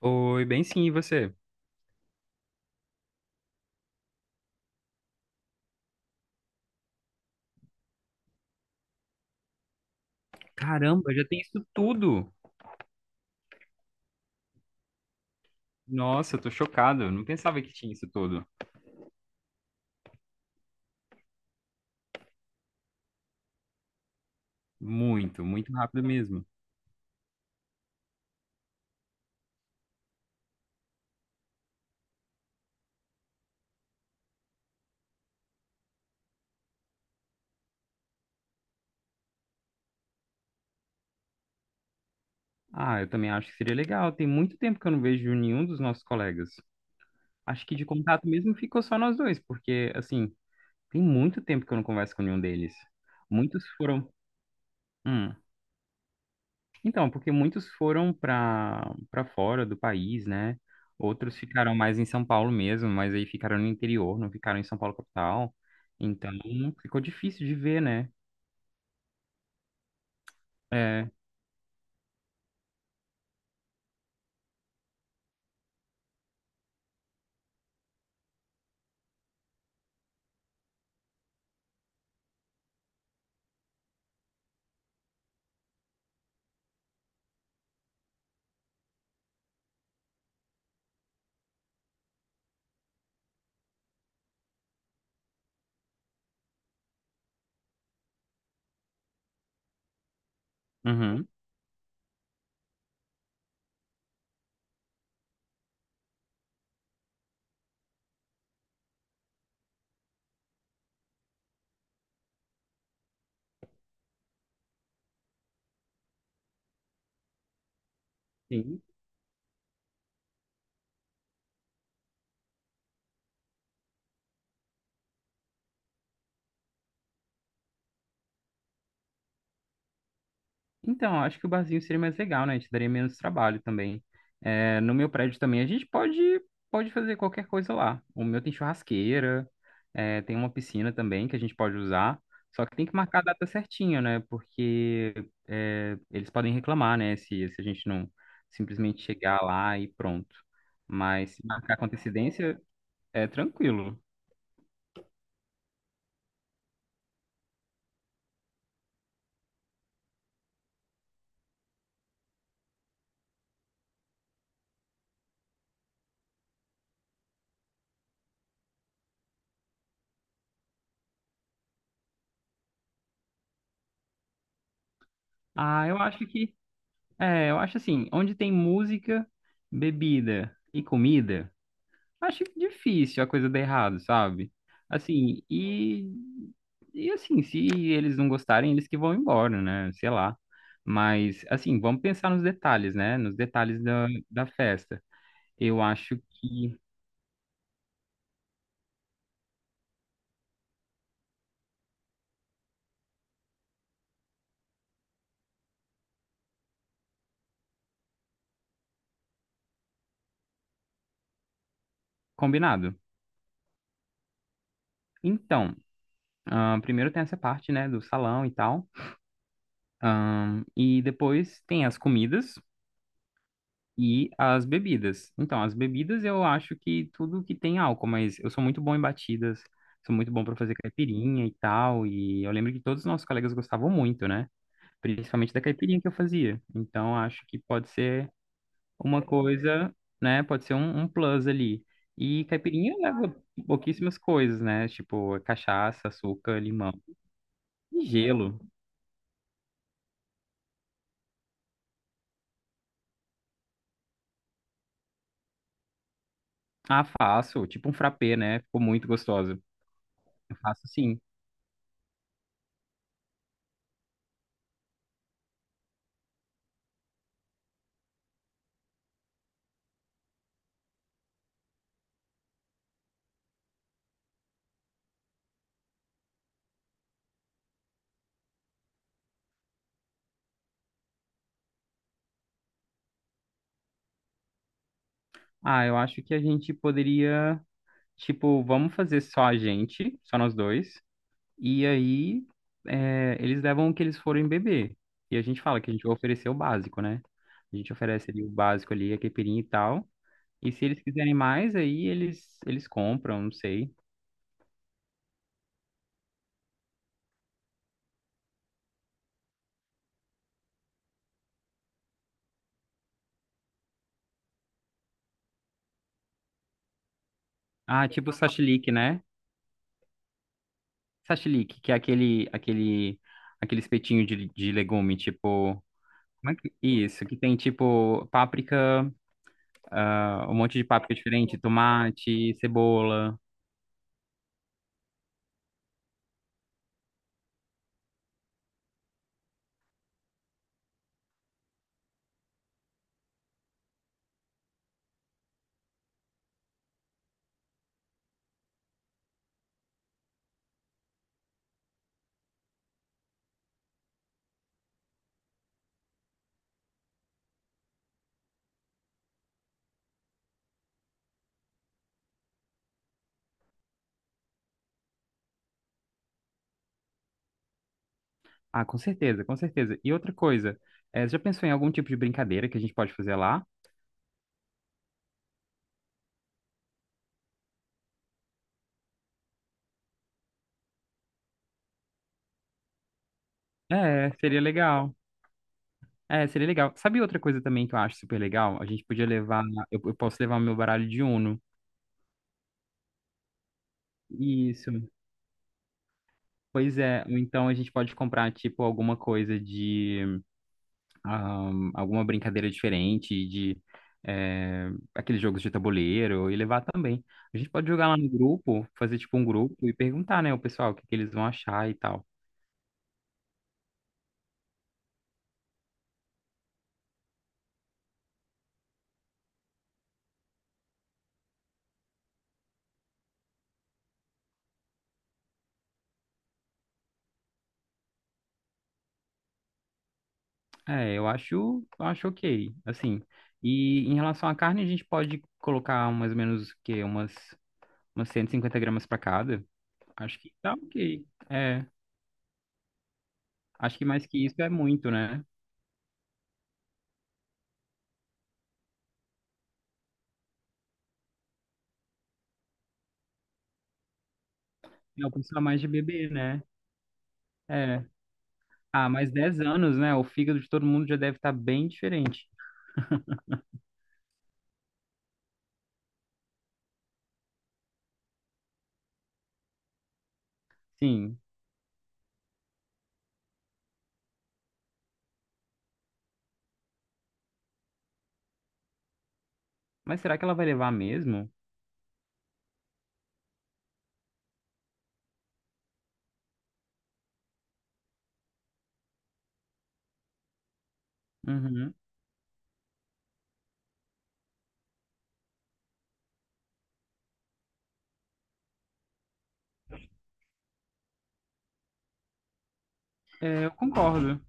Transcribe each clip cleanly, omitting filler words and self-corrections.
Oi, bem sim, e você? Caramba, já tem isso tudo! Nossa, eu tô chocado, eu não pensava que tinha isso tudo. Muito, muito rápido mesmo. Ah, eu também acho que seria legal. Tem muito tempo que eu não vejo nenhum dos nossos colegas. Acho que de contato mesmo ficou só nós dois, porque, assim, tem muito tempo que eu não converso com nenhum deles. Muitos foram. Hum. Então, porque muitos foram para fora do país, né? Outros ficaram mais em São Paulo mesmo, mas aí ficaram no interior, não ficaram em São Paulo capital. Então, ficou difícil de ver, né? É. Uhum. Sim. Então, acho que o barzinho seria mais legal, né? A gente daria menos trabalho também. É, no meu prédio também a gente pode, pode fazer qualquer coisa lá. O meu tem churrasqueira, é, tem uma piscina também que a gente pode usar. Só que tem que marcar a data certinha, né? Porque é, eles podem reclamar, né? Se a gente não simplesmente chegar lá e pronto. Mas se marcar com antecedência, é tranquilo. Ah, eu acho que. É, eu acho assim, onde tem música, bebida e comida. Acho difícil a coisa dar errado, sabe? Assim, e assim, se eles não gostarem, eles que vão embora, né? Sei lá. Mas, assim, vamos pensar nos detalhes, né? Nos detalhes da festa. Eu acho que. Combinado. Então, primeiro tem essa parte, né, do salão e tal. E depois tem as comidas. E as bebidas. Então, as bebidas eu acho que tudo que tem álcool, mas eu sou muito bom em batidas, sou muito bom para fazer caipirinha e tal. E eu lembro que todos os nossos colegas gostavam muito, né? Principalmente da caipirinha que eu fazia. Então, acho que pode ser uma coisa, né? Pode ser um plus ali. E caipirinha leva pouquíssimas coisas, né? Tipo, é cachaça, açúcar, limão e gelo. Ah, faço, tipo um frappé, né? Ficou muito gostoso. Eu faço sim. Ah, eu acho que a gente poderia. Tipo, vamos fazer só a gente, só nós dois. E aí, é, eles levam o que eles forem beber. E a gente fala que a gente vai oferecer o básico, né? A gente oferece ali o básico ali, a caipirinha e tal. E se eles quiserem mais, aí eles compram, não sei. Ah, tipo sashlik, né? Sashlik, que é aquele, aquele, espetinho de legume, tipo... Como é que... Isso, que tem tipo páprica, ah, um monte de páprica diferente, tomate, cebola. Ah, com certeza, com certeza. E outra coisa, já pensou em algum tipo de brincadeira que a gente pode fazer lá? É, seria legal. É, seria legal. Sabe outra coisa também que eu acho super legal? A gente podia levar, eu posso levar meu baralho de Uno. Isso. Pois é, ou então a gente pode comprar, tipo, alguma coisa de, alguma brincadeira diferente, de, eh, aqueles jogos de tabuleiro, e levar também. A gente pode jogar lá no grupo, fazer, tipo, um grupo e perguntar, né, o pessoal o que que eles vão achar e tal. É, eu acho ok, assim. E em relação à carne, a gente pode colocar mais ou menos o quê? Umas 150 gramas para cada. Acho que tá ok. É, acho que mais que isso é muito, né? Não, precisa mais de bebê, né? É. Ah, mais 10 anos, né? O fígado de todo mundo já deve estar bem diferente. Sim. Mas será que ela vai levar mesmo? Uhum. É, eu concordo.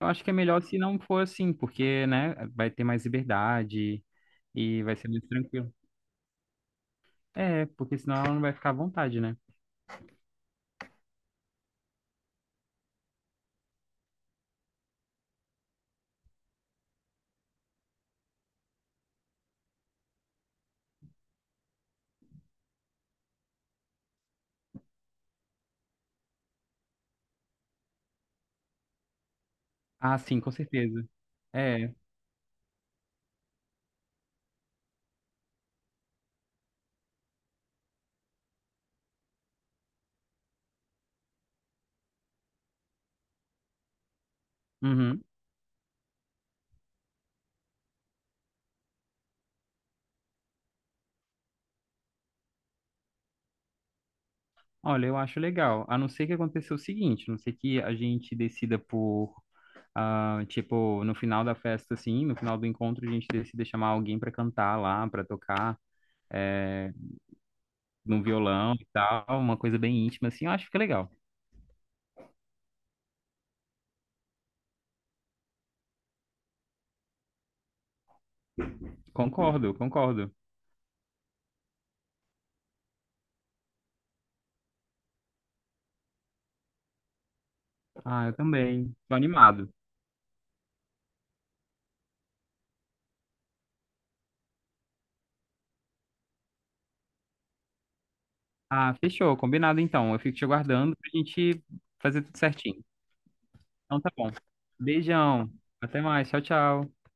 Eu acho que é melhor se não for assim, porque, né, vai ter mais liberdade e vai ser mais tranquilo. É, porque senão ela não vai ficar à vontade, né? Ah, sim, com certeza. É. Uhum. Olha, eu acho legal. A não ser que aconteça o seguinte, a não ser que a gente decida por, ah, tipo, no final da festa, assim, no final do encontro, a gente decida chamar alguém pra cantar lá, pra tocar, é, num violão e tal, uma coisa bem íntima, assim, eu acho que fica legal. Concordo, concordo. Ah, eu também. Tô animado. Ah, fechou, combinado então. Eu fico te aguardando pra gente fazer tudo certinho. Então tá bom. Beijão. Até mais. Tchau, tchau.